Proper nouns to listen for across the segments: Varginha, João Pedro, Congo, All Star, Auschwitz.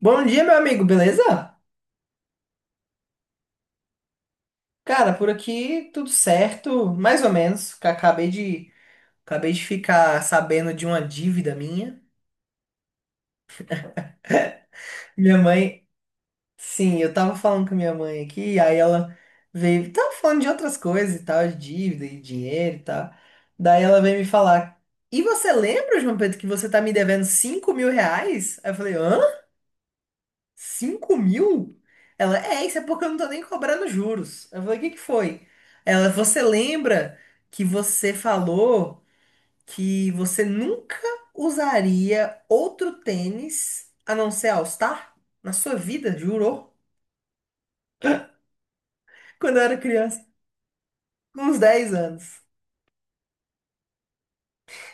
Bom dia, meu amigo, beleza? Cara, por aqui tudo certo, mais ou menos. Acabei de ficar sabendo de uma dívida minha. Minha mãe, sim, eu tava falando com minha mãe aqui, aí ela veio, tava falando de outras coisas e tal, de dívida e dinheiro e tal. Daí ela veio me falar: "E você lembra, João Pedro, que você tá me devendo 5.000 reais?" Aí eu falei: "Hã? 5.000?" Isso é porque eu não tô nem cobrando juros. Eu falei: "O que que foi?" Você lembra que você falou que você nunca usaria outro tênis a não ser All Star na sua vida, jurou? Quando eu era criança, com uns 10 anos.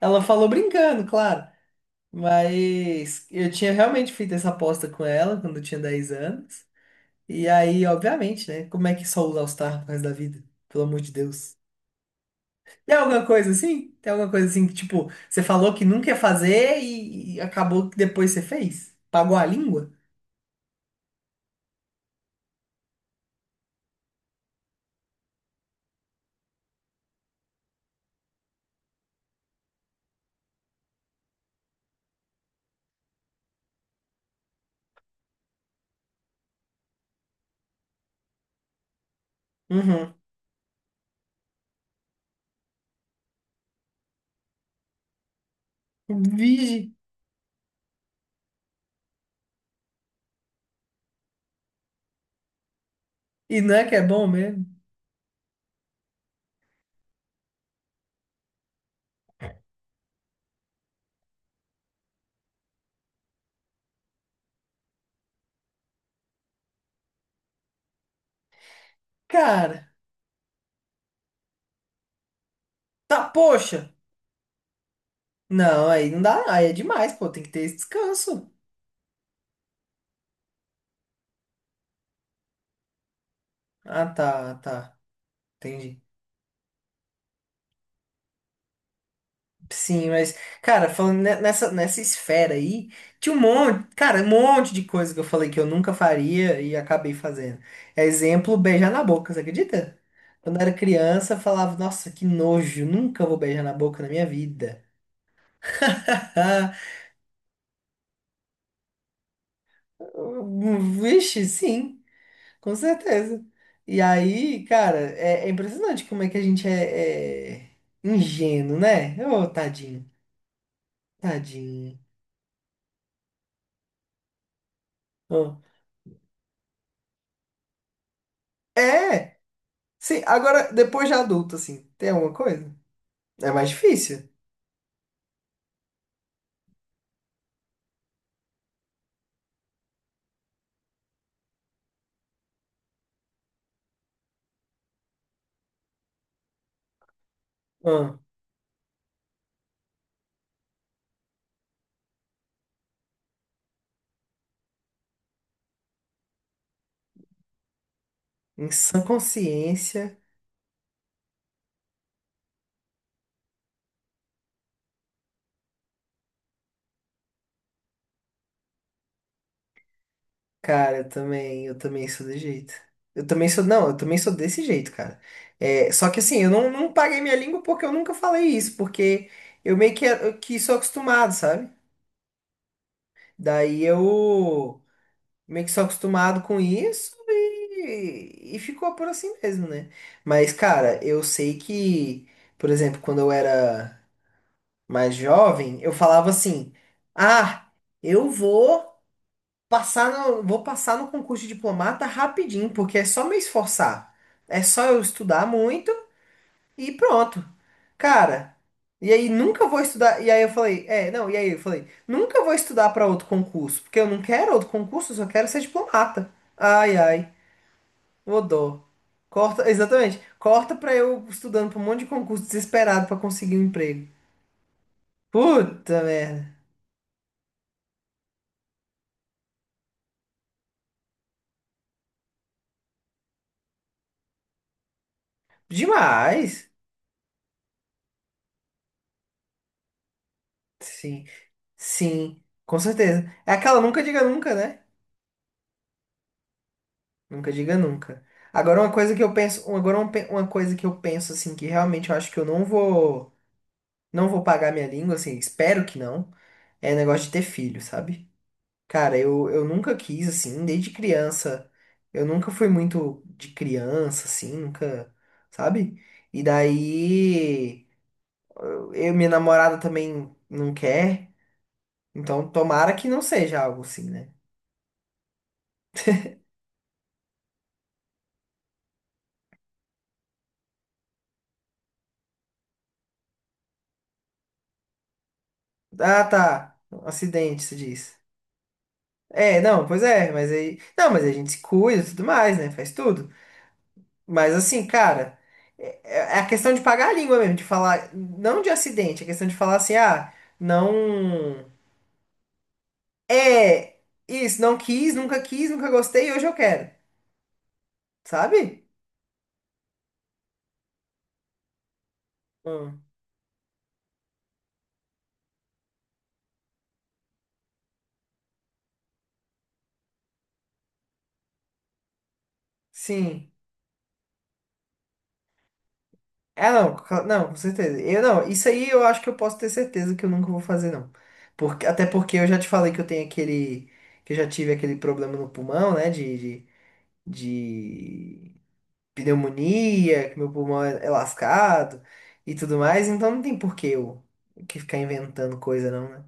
Ela falou brincando, claro. Mas eu tinha realmente feito essa aposta com ela quando eu tinha 10 anos. E aí, obviamente, né? Como é que só usa All Star pro resto da vida? Pelo amor de Deus. Tem alguma coisa assim? Tem alguma coisa assim que, tipo, você falou que nunca ia fazer e acabou que depois você fez? Pagou a língua? Uhum. Vige. E não é que é bom mesmo? Cara, tá, poxa. Não, aí não dá, aí é demais, pô, tem que ter esse descanso. Ah, tá, tá. Entendi. Sim, mas, cara, falando nessa esfera aí, tinha um monte, cara, um monte de coisa que eu falei que eu nunca faria e acabei fazendo. É, exemplo, beijar na boca, você acredita? Quando eu era criança, eu falava: "Nossa, que nojo, nunca vou beijar na boca na minha vida." Vixe, sim, com certeza. E aí, cara, é é impressionante como é que a gente é ingênuo, né? Ô, tadinho, tadinho. Ô. É! Sim, agora, depois de adulto, assim, tem alguma coisa? É mais difícil. Ah, em sã consciência, cara, eu também sou desse jeito. Eu também sou, não, eu também sou desse jeito, cara. É, só que assim, eu não paguei minha língua porque eu nunca falei isso, porque eu meio que, eu que sou acostumado, sabe? Daí eu meio que sou acostumado com isso e ficou por assim mesmo, né? Mas, cara, eu sei que, por exemplo, quando eu era mais jovem, eu falava assim: "Ah, eu vou passar no concurso de diplomata rapidinho, porque é só me esforçar. É só eu estudar muito e pronto." Cara, e aí nunca vou estudar, e aí eu falei: "É, não", e aí eu falei: "Nunca vou estudar para outro concurso, porque eu não quero outro concurso, eu só quero ser diplomata." Ai, ai, ô dó. Corta, exatamente. Corta pra eu estudando pra um monte de concurso desesperado pra conseguir um emprego. Puta merda. Demais. Sim, sim, com certeza. É aquela "nunca diga nunca", né? Nunca diga nunca. Agora uma coisa que eu penso, uma coisa que eu penso assim que realmente eu acho que eu não vou pagar minha língua assim, espero que não, é negócio de ter filho, sabe? Cara, eu nunca quis assim, desde criança. Eu nunca fui muito de criança assim, nunca, sabe? E daí minha namorada também não quer, então tomara que não seja algo assim, né? Ah, tá. Acidente, se diz. É, não, pois é, mas aí. Não, mas a gente se cuida e tudo mais, né? Faz tudo. Mas assim, cara, é, é a questão de pagar a língua mesmo, de falar. Não de acidente, é questão de falar assim, ah, não. É, isso, não quis, nunca quis, nunca gostei, hoje eu quero, sabe? Hum, sim. Ah, não, cla- não, com certeza. Eu não, isso aí eu acho que eu posso ter certeza que eu nunca vou fazer, não. Porque, até porque eu já te falei que eu tenho aquele, que eu já tive aquele problema no pulmão, né, de pneumonia, que meu pulmão é lascado e tudo mais, então não tem por que eu que ficar inventando coisa, não, né?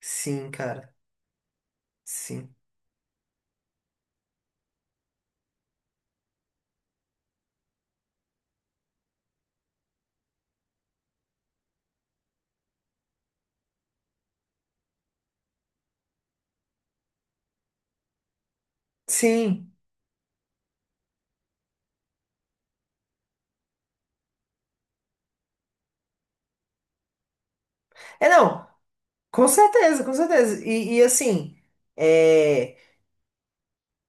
Sim, cara, sim. Sim. É, não, com certeza, com certeza. E assim, é.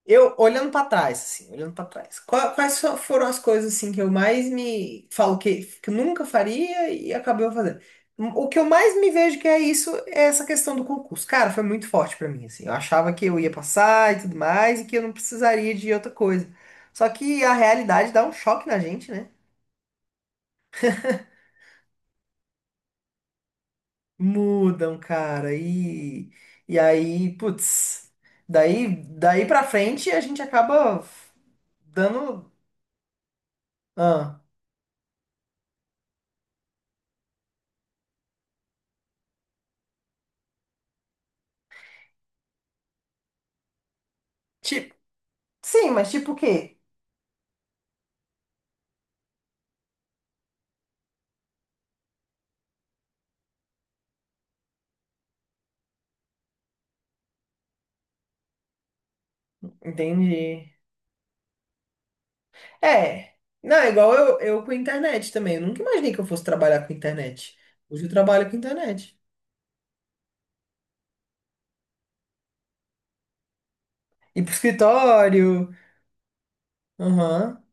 Eu, olhando pra trás, assim, olhando pra trás, foram as coisas, assim, que eu mais me falo que eu nunca faria e acabei fazendo? O que eu mais me vejo que é isso, é essa questão do concurso. Cara, foi muito forte pra mim, assim. Eu achava que eu ia passar e tudo mais e que eu não precisaria de outra coisa. Só que a realidade dá um choque na gente, né? Mudam, cara, e aí, putz, daí, daí pra frente a gente acaba dando. Ah. Sim, mas tipo o quê? Entendi. É. Não, é igual eu, com internet também. Eu nunca imaginei que eu fosse trabalhar com internet. Hoje eu trabalho com internet. Ir pro escritório. Aham.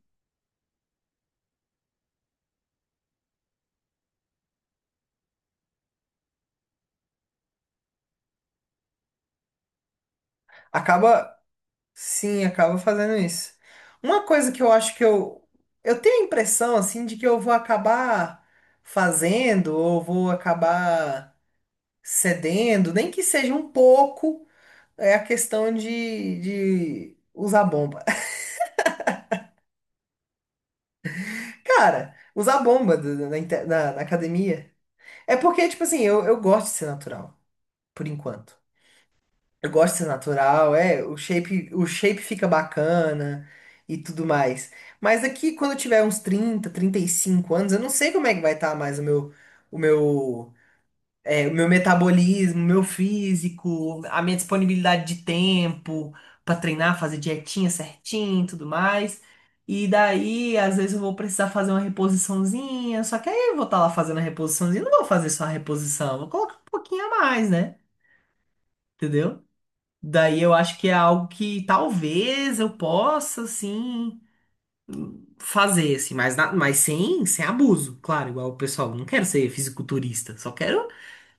Acaba, sim, acaba fazendo isso. Uma coisa que eu acho que eu. Eu tenho a impressão, assim, de que eu vou acabar fazendo, ou vou acabar cedendo, nem que seja um pouco, é a questão de usar bomba. Cara, usar bomba na academia. É porque, tipo assim, eu gosto de ser natural, por enquanto. Eu gosto de ser natural, é, o shape fica bacana e tudo mais. Mas aqui, quando eu tiver uns 30, 35 anos, eu não sei como é que vai estar mais o meu o meu metabolismo, meu físico, a minha disponibilidade de tempo pra treinar, fazer dietinha certinho, e tudo mais. E daí, às vezes eu vou precisar fazer uma reposiçãozinha, só que aí eu vou estar lá fazendo a reposiçãozinha, não vou fazer só a reposição, vou colocar um pouquinho a mais, né? Entendeu? Daí eu acho que é algo que talvez eu possa, assim, fazer, assim, mas, sem abuso, claro, igual o pessoal, não quero ser fisiculturista, só quero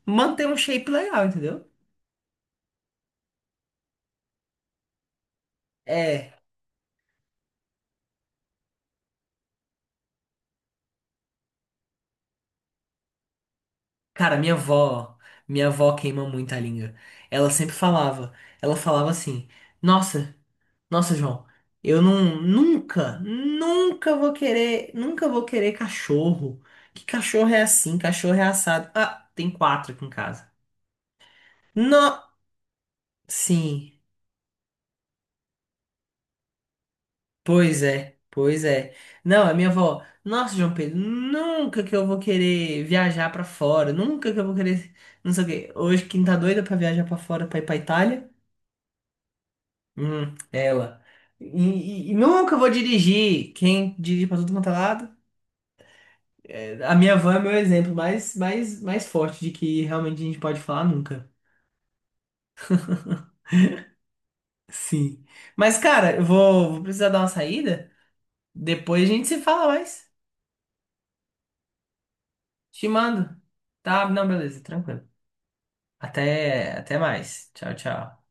manter um shape legal, entendeu? É. Cara, minha avó queima muito a língua. Ela sempre falava, ela falava assim: "Nossa, nossa, João, eu não, nunca vou querer, nunca vou querer cachorro. Que cachorro é assim? Cachorro é assado." Ah, tem quatro aqui em casa. Não, sim. Pois é, pois é. Não, a minha avó: "Nossa, João Pedro, nunca que eu vou querer viajar pra fora, nunca que eu vou querer, não sei o quê." Hoje quem tá doida pra viajar pra fora, pra ir pra Itália, hum, ela. E, e nunca vou dirigir. Quem dirige pra tudo quanto é lado? É, a minha van é meu exemplo mais, mais, mais forte de que realmente a gente pode falar nunca. Sim. Mas, cara, eu vou precisar dar uma saída. Depois a gente se fala mais. Te mando. Tá? Não, beleza, tranquilo. Até mais. Tchau, tchau.